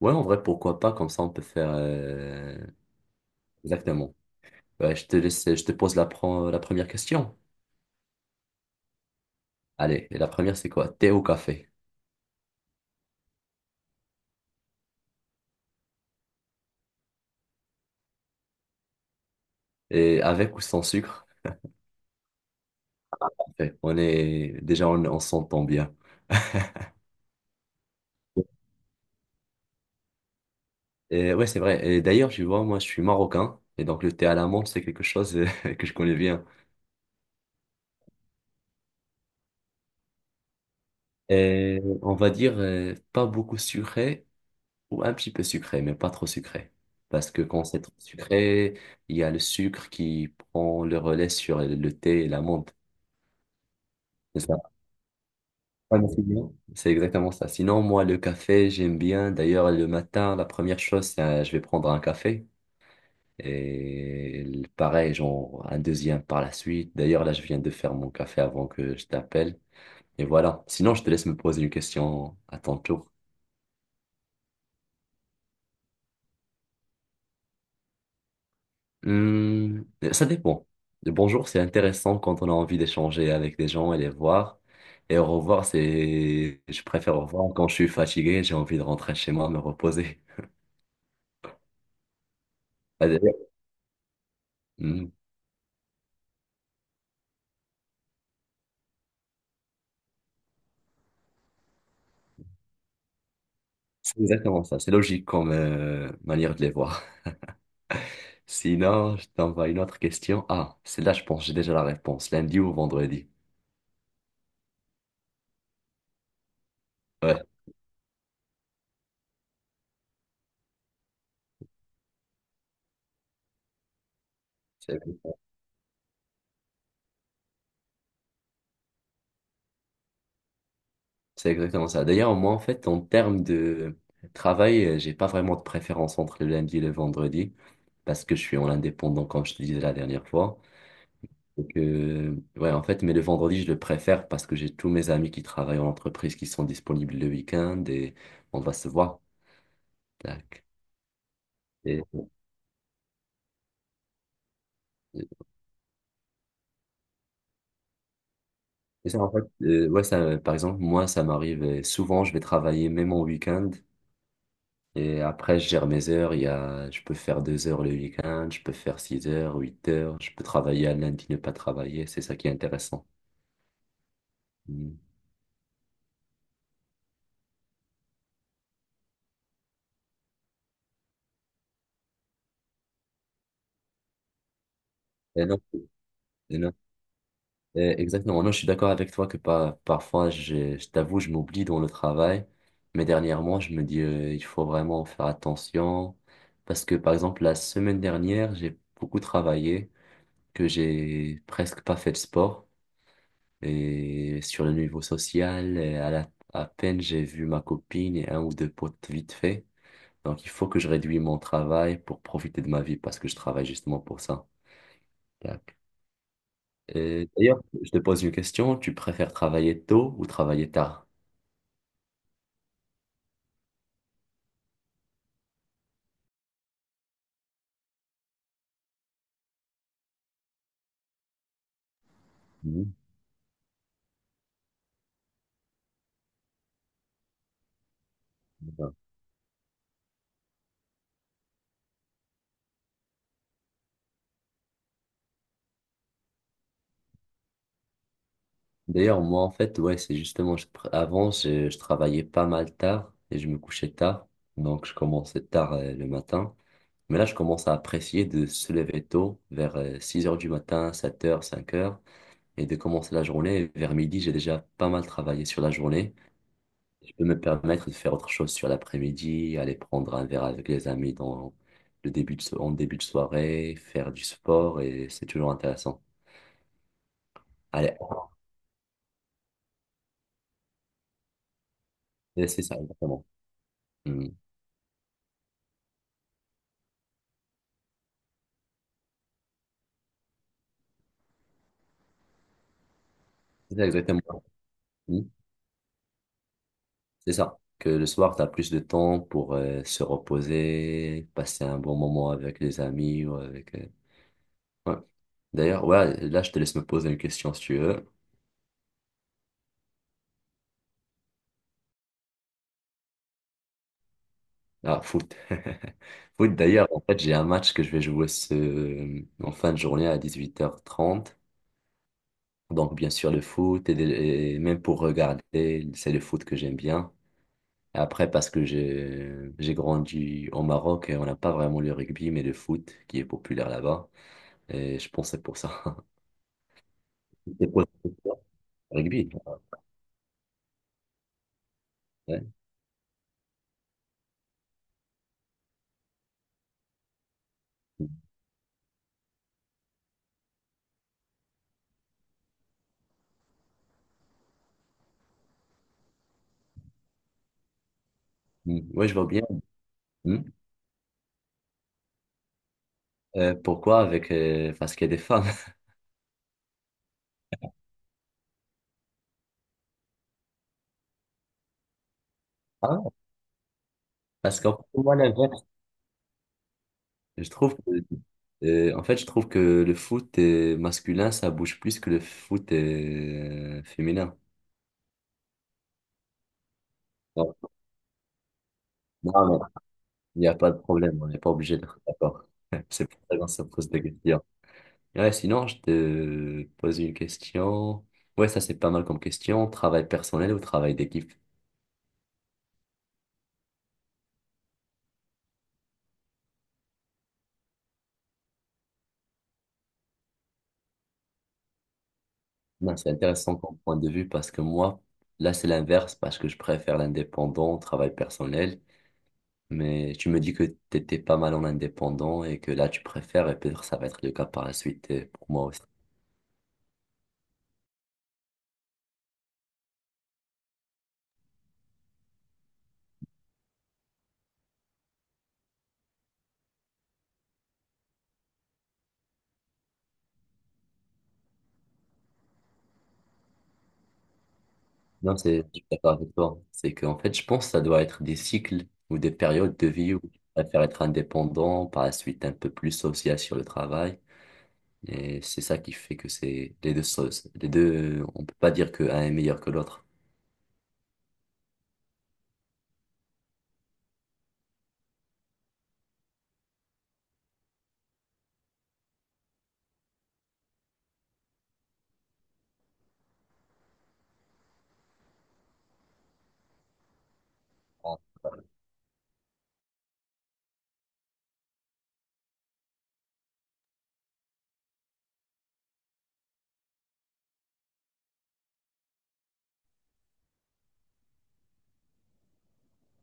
Ouais, en vrai, pourquoi pas, comme ça on peut faire... Exactement. Ouais, je te laisse, je te pose la première question. Allez, et la première c'est quoi? Thé ou café? Et avec ou sans sucre? Café. On est... Déjà, on s'entend bien. Et ouais, c'est vrai. Et d'ailleurs, tu vois, moi je suis marocain, et donc le thé à l'amande, c'est quelque chose que je connais bien. Et on va dire pas beaucoup sucré, ou un petit peu sucré, mais pas trop sucré. Parce que quand c'est trop sucré, il y a le sucre qui prend le relais sur le thé et l'amande. C'est ça. Pas d'incident. C'est exactement ça. Sinon, moi, le café, j'aime bien. D'ailleurs, le matin, la première chose, c'est je vais prendre un café. Et pareil, genre un deuxième par la suite. D'ailleurs, là, je viens de faire mon café avant que je t'appelle. Et voilà. Sinon, je te laisse me poser une question à ton tour. Hmm, ça dépend. Le bonjour, c'est intéressant quand on a envie d'échanger avec des gens et les voir. Et au revoir, c'est, je préfère au revoir quand je suis fatigué, j'ai envie de rentrer chez moi, me reposer. Ah, d'ailleurs, hmm. C'est exactement ça. C'est logique comme manière de les voir. Sinon, je t'envoie une autre question. Ah, celle-là, je pense, que j'ai déjà la réponse. Lundi ou vendredi. Ouais, c'est exactement c'est exactement ça. D'ailleurs, moi, en fait, en termes de travail, j'ai pas vraiment de préférence entre le lundi et le vendredi parce que je suis en indépendant, comme je te disais la dernière fois. Donc, ouais, en fait, mais le vendredi, je le préfère parce que j'ai tous mes amis qui travaillent en entreprise qui sont disponibles le week-end et on va se voir. Tac. Et c'est ça, en fait, ouais, ça, par exemple, moi, ça m'arrive souvent, je vais travailler même en week-end et après, je gère mes heures. Il y a, je peux faire 2 heures le week-end, je peux faire 6 heures, 8 heures, je peux travailler à lundi, ne pas travailler. C'est ça qui est intéressant. Mm. Et non, et non, et exactement. Non, je suis d'accord avec toi que pas, parfois, je t'avoue, je m'oublie dans le travail, mais dernièrement, je me dis, il faut vraiment faire attention parce que, par exemple, la semaine dernière, j'ai beaucoup travaillé, que j'ai presque pas fait de sport. Et sur le niveau social, à peine j'ai vu ma copine et un ou deux potes vite fait. Donc il faut que je réduise mon travail pour profiter de ma vie parce que je travaille justement pour ça. Tac. Et d'ailleurs, je te pose une question, tu préfères travailler tôt ou travailler tard? Mhm. D'accord. D'ailleurs, moi en fait, ouais, c'est justement, avant, je travaillais pas mal tard et je me couchais tard. Donc je commençais tard le matin. Mais là, je commence à apprécier de se lever tôt, vers 6 heures du matin, 7 heures 5 heures et de commencer la journée. Vers midi, j'ai déjà pas mal travaillé sur la journée. Je peux me permettre de faire autre chose sur l'après-midi, aller prendre un verre avec les amis dans le début de, en début de soirée, faire du sport et c'est toujours intéressant. Allez, c'est ça exactement. Mm. C'est ça exactement. Mm. C'est ça. Que le soir, tu as plus de temps pour se reposer, passer un bon moment avec les amis ou avec... ouais. D'ailleurs, ouais, là, je te laisse me poser une question si tu veux. Ah, foot. Foot, d'ailleurs, en fait, j'ai un match que je vais jouer ce... en fin de journée à 18h30. Donc, bien sûr, le foot, et même pour regarder, c'est le foot que j'aime bien. Après, parce que j'ai grandi au Maroc et on n'a pas vraiment le rugby, mais le foot qui est populaire là-bas. Et je pense que c'est pour ça. C'est pour ça. Rugby. Ouais. Mm. Ouais, je vois bien. Mm. Pourquoi avec... parce qu'il y a des femmes. Ah, parce qu'en fait, moi, la je trouve que, en fait, je trouve que le foot masculin, ça bouge plus que le foot féminin. Non, non, mais il n'y a pas de problème, on n'est pas obligé d'être d'accord. C'est pour ça qu'on se pose des questions. Ouais, sinon, je te pose une question. Ouais, ça, c'est pas mal comme question. Travail personnel ou travail d'équipe? Non, c'est intéressant comme point de vue parce que moi, là, c'est l'inverse parce que je préfère l'indépendant, au travail personnel. Mais tu me dis que tu étais pas mal en indépendant et que là, tu préfères, et peut-être ça va être le cas par la suite pour moi aussi. Non, c'est, je suis d'accord avec toi. C'est qu'en fait, je pense que ça doit être des cycles ou des périodes de vie où tu préfères être indépendant, par la suite un peu plus social sur le travail. Et c'est ça qui fait que c'est les deux choses. Les deux, on peut pas dire qu'un est meilleur que l'autre.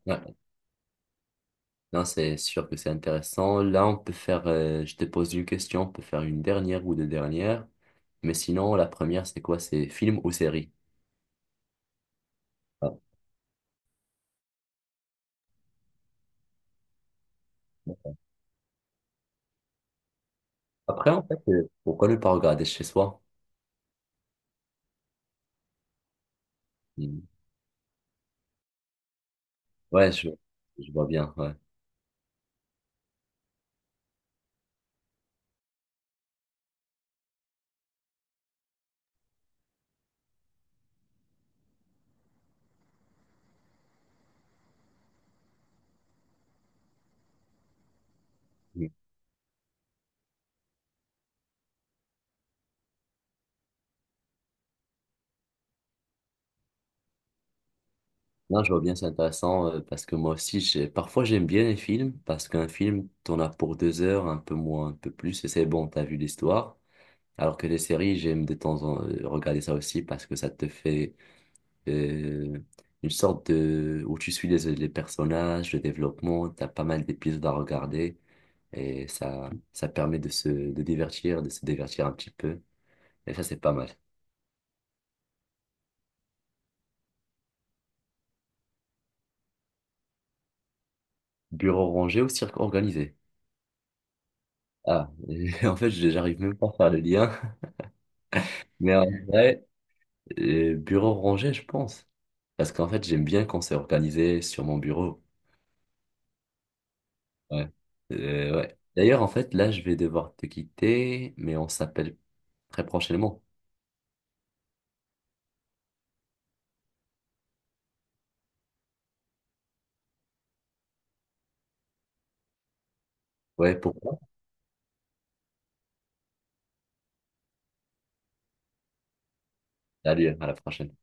Ouais. Non, c'est sûr que c'est intéressant. Là, on peut faire, je te pose une question, on peut faire une dernière ou deux dernières. Mais sinon, la première, c'est quoi? C'est film ou série? Ah. Après, en fait, pourquoi ne pas regarder chez soi? Mm. Ouais, je, je vois bien. Ouais. Mm. Non, je vois bien, c'est intéressant parce que moi aussi, parfois, j'aime bien les films parce qu'un film, t'en as pour 2 heures, un peu moins, un peu plus, et c'est bon, t'as vu l'histoire. Alors que les séries, j'aime de temps en temps regarder ça aussi parce que ça te fait euh, une sorte de où tu suis les personnages, le développement, t'as pas mal d'épisodes à regarder et ça permet de se de divertir, de se divertir un petit peu et ça c'est pas mal. Bureau rangé ou cirque organisé? Ah, en fait, j'arrive même pas à faire le lien, mais en vrai, bureau rangé, je pense. Parce qu'en fait, j'aime bien quand c'est organisé sur mon bureau. Ouais. Ouais. D'ailleurs, en fait, là, je vais devoir te quitter, mais on s'appelle très prochainement. Ouais, pourquoi? Salut, à la prochaine.